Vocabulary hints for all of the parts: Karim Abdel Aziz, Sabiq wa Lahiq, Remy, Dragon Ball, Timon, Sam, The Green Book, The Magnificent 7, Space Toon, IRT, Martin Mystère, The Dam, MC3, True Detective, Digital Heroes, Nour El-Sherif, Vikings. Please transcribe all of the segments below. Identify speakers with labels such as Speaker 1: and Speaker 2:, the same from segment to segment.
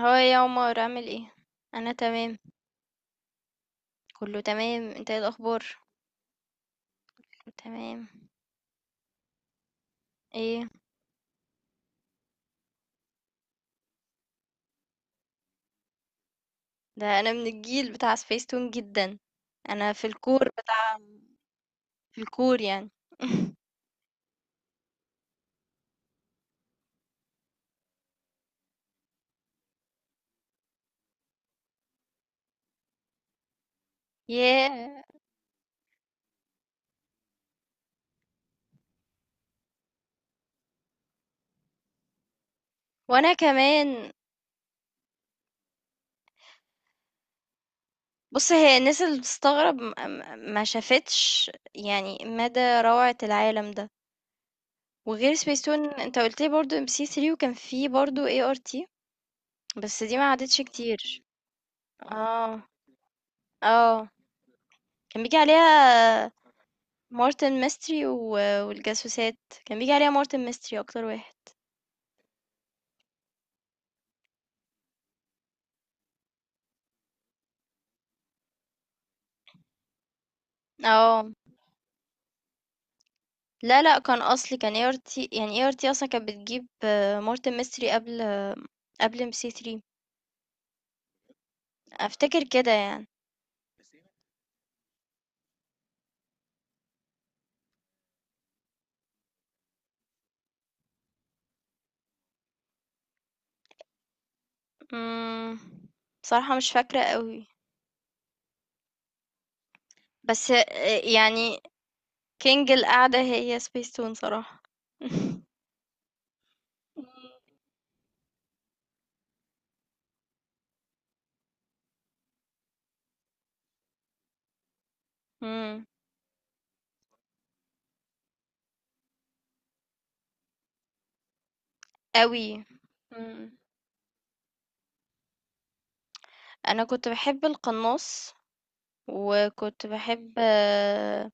Speaker 1: هو إيه يا عمر؟ عامل ايه؟ انا تمام. كله تمام. انت ايه الاخبار؟ كله تمام. ايه ده، انا من الجيل بتاع سبيس تون جدا. انا في الكور بتاع في الكور يعني ياه، وانا كمان. بص، هي الناس اللي بتستغرب ما شافتش يعني مدى روعة العالم ده. وغير سبيس تون، انت قلت لي برضو ام سي 3، وكان في برضو اي ار تي، بس دي ما عدتش كتير. اه. اه، كان بيجي عليها مارتن ميستري والجاسوسات. كان بيجي عليها مارتن ميستري اكتر واحد. اه، لا لا، كان اصلي، كان اي ار تي، يعني اي ار تي اصلا كانت بتجيب مارتن ميستري قبل ام سي 3، افتكر كده يعني. امم صراحة مش فاكرة قوي، بس يعني كينج القعدة هي سبيس تون صراحة. امم، قوي. امم انا كنت بحب القناص، وكنت بحب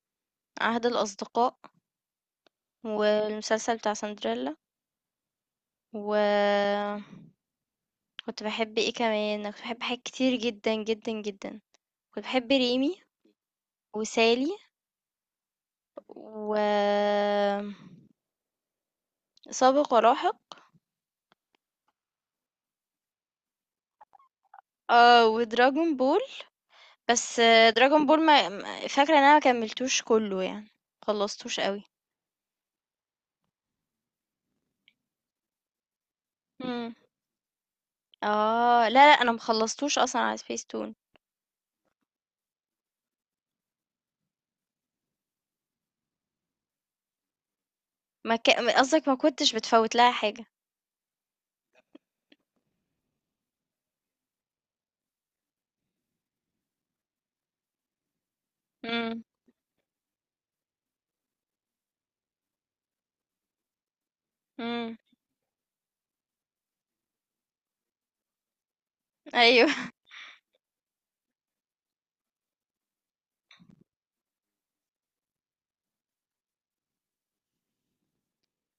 Speaker 1: عهد الاصدقاء، والمسلسل بتاع سندريلا، و كنت بحب ايه كمان؟ أنا كنت بحب حاجات كتير جدا جدا جدا. كنت بحب ريمي، وسالي، و سابق ولاحق. اه، ودراجون بول، بس آه، دراجون بول فاكره ان انا ما كملتوش كله يعني، خلصتوش قوي. مم. اه، لا لا، انا مخلصتوش اصلا على سبيس تون. ما ك... قصدك ما كنتش بتفوت لها حاجه. امم. امم. ايوه.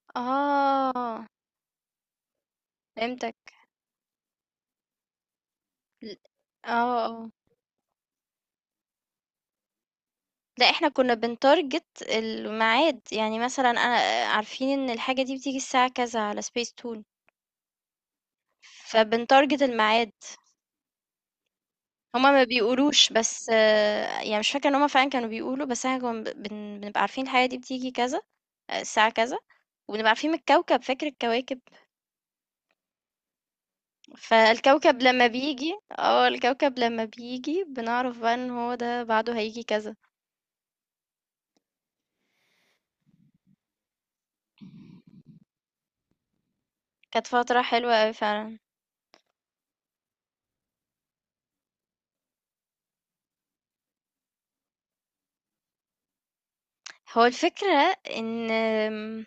Speaker 1: اه، فهمتك. ل آه، آه. لأ، إحنا كُنّا بنتارجت الميعاد، يعني مثلًا أنا عارفين إن الحاجة دي بتيجي الساعة كذا على Space Toon، فبنتارجت الميعاد. هُم ما بيقولوش، بس آه، يعني مش فاكرة إن هُم فعلًا كانوا بيقولوا، بس إحنا كُنّا ب بن بنبقى عارفين الحاجة دي بتيجي كذا، الساعة كذا، وبنبقى عارفين من الكوكب، فاكر الكواكب؟ فالكوكب لمّا بييجي آه، الكوكب لمّا بييجي بنعرف بقى إن هو ده بعده هييجي كذا. كانت فترة حلوة أوي فعلًا. هو الفكرة إن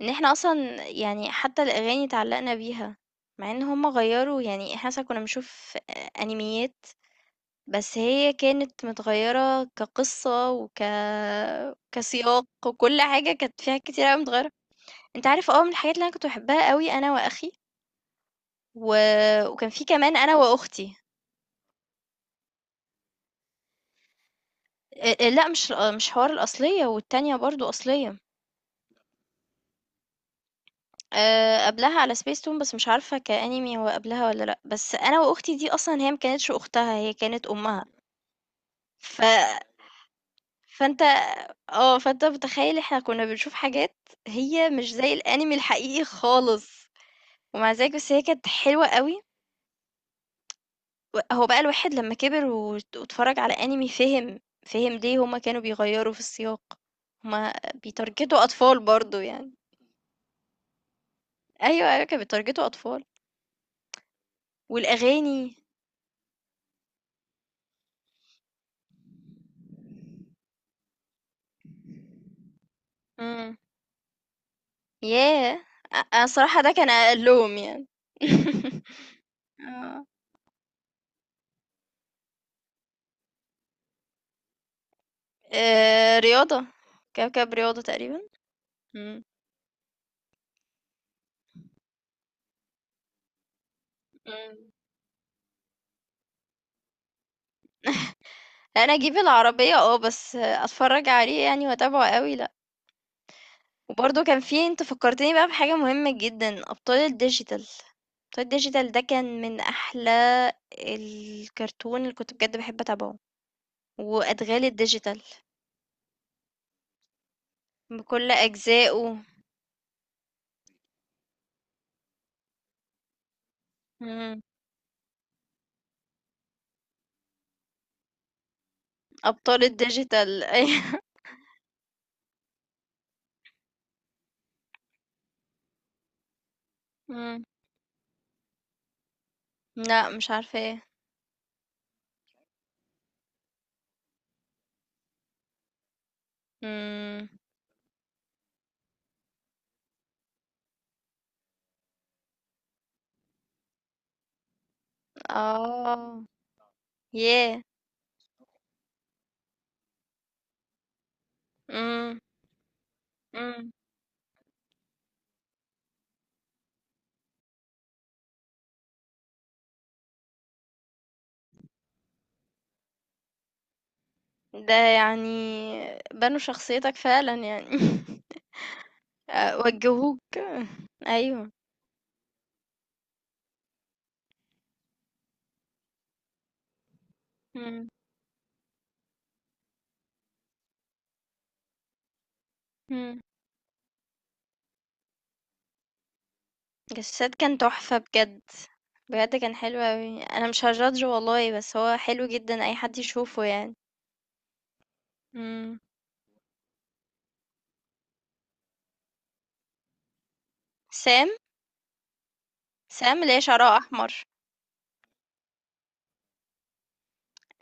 Speaker 1: إن إحنا أصلًا يعني، حتى الأغاني اتعلّقنا بيها، مع إن هُم غيّروا، يعني إحنا مثلًا كنّا بنشوف أنيميات، بس هي كانت متغيّرة كقصّة كسياق، وكل حاجة كانت فيها كتير أوي متغيّرة. أنت عارف من الحاجات اللي أنا كنت باحبها أوي أنا وأخي، و وكان في كمان أنا وأختي. أ أ لأ، مش حوار الأصلية، والتانية برضه أصلية، قبلها على Space Tune، بس مش عارفة كAnime هو قبلها والّا لأ، بس أنا وأختي دي أصلًا هي ما كانتش أختها، هي كانت أمها. ف فأنت، فأنت متخيّل إحنا كُنّا بنشوف حاجات هي مش زي الأنمي الحقيقي خالص، ومع ذلك بس هي كانت حلوة أوي، و هو بقى الواحد لمّا كِبِر واتفرّج على أنمي فِهم، فِهم ليه هُم كانوا بيغيّروا في السياق، هُم بيتارجتوا أطفال برضه يعني. أيوه، أيوه كانوا بيتارجتوا أطفال، والأغاني. إمم، ياه! أنا الصراحة ده كان أقلّهم يعني. آه، رياضة، كوكب رياضة تقريبًا. إمم. إمم. لأ، أنا أجيب العربية بس أتفرّج عليه يعني، وأتابعه أوي لأ. وبرضه كان في، أنت فكّرتني بقى بحاجة مهمة جدًا، أبطال الdigital. أبطال الdigital ده كان من أحلى الكرتون اللي كنت بجد باحب أتابعه، وأدغال الdigital بكل أجزائه. إمم. أبطال الdigital أيوه. إمم. لأ، مش عارفاه. إمم. آه. ياه! إمم. إمم. ده يعني بنوا شخصيتك فعلًا يعني. وجّهوك، أيوه. إمم، إمم. السَّد كان تحفة بجد، بجد كان حلو أوي. أنا مش هajudge والله، بس هو حلو جدًا، أي حد يشوفه يعني. إمم. سام، سام اللي هي شعرها أحمر.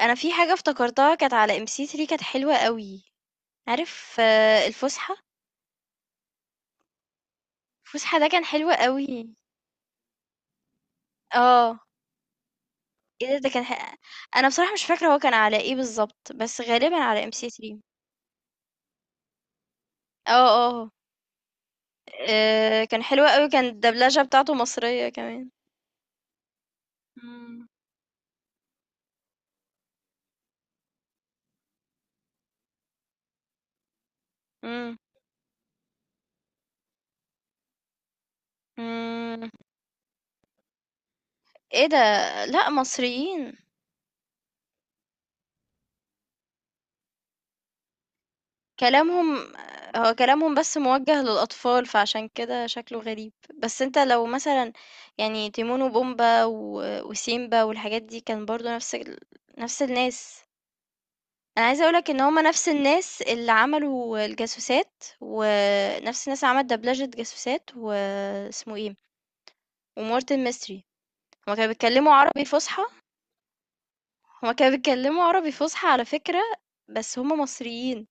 Speaker 1: أنا في حاجة افتكرتها كانت على MC3، كانت حلوة أوي. عارف الفُسحة؟ الفُسحة ده كان حلو أوي. آه. إيه ده؟ ده كان ح أنا بصراحة مش فاكرة هو كان على إيه بالضبط، بس غالبًا على MC3. آه، آه. آه. كان حلو قوي، كان الدبلجة بتاعته مصرية كمان. مم. مم. مم. ايه ده؟ لا، مصريين. كلامهم، هو كلامهم بس موجه للأطفال، فعشان كده شكله غريب. بس انت لو مثلا، يعني تيمون وبومبا وسيمبا والحاجات دي كان برضو نفس الناس. انا عايزة اقولك ان هما نفس الناس اللي عملوا الجاسوسات، ونفس الناس اللي عملت دبلجة جاسوسات واسمه ايه، ومورتن ميستري. هُم كانوا بيتكلّموا عربي فُصحى، هُم كانوا بيتكلّموا عربي فُصحى على فكرة، بس هُم مصريين، ما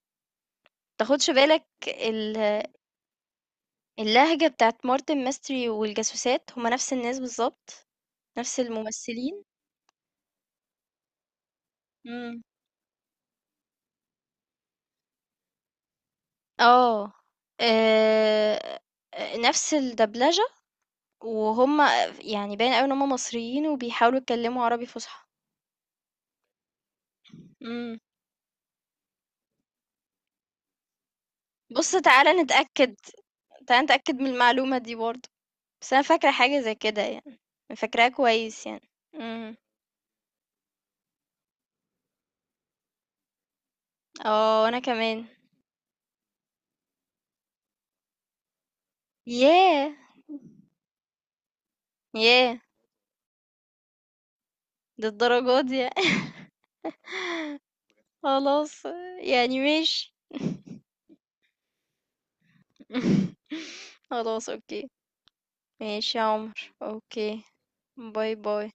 Speaker 1: تاخدش بالك. اللهجة بتاعة مارتن ماستري والجاسوسات هُم نفس الناس بالضبط، نفس الممثلين. إمم، آه، آآ، نفس الدبلجة، وهُم يعني باين أوي إن هُم مصريين وبيحاولوا يتكلّموا عربي فُصحى. إمم. بُص، تعالَ نتأكد، تعالَ نتأكد من المعلومة دي برضه، بس أنا فاكرة حاجة زي كده يعني، فاكراها كويس يعني. إمم. اه، وانا كمان. ياه. ياه، للدرجة دي يعني. خلاص، يعني ماشي. خلاص، اوكي. ماشي يا عمر، اوكي. باي باي.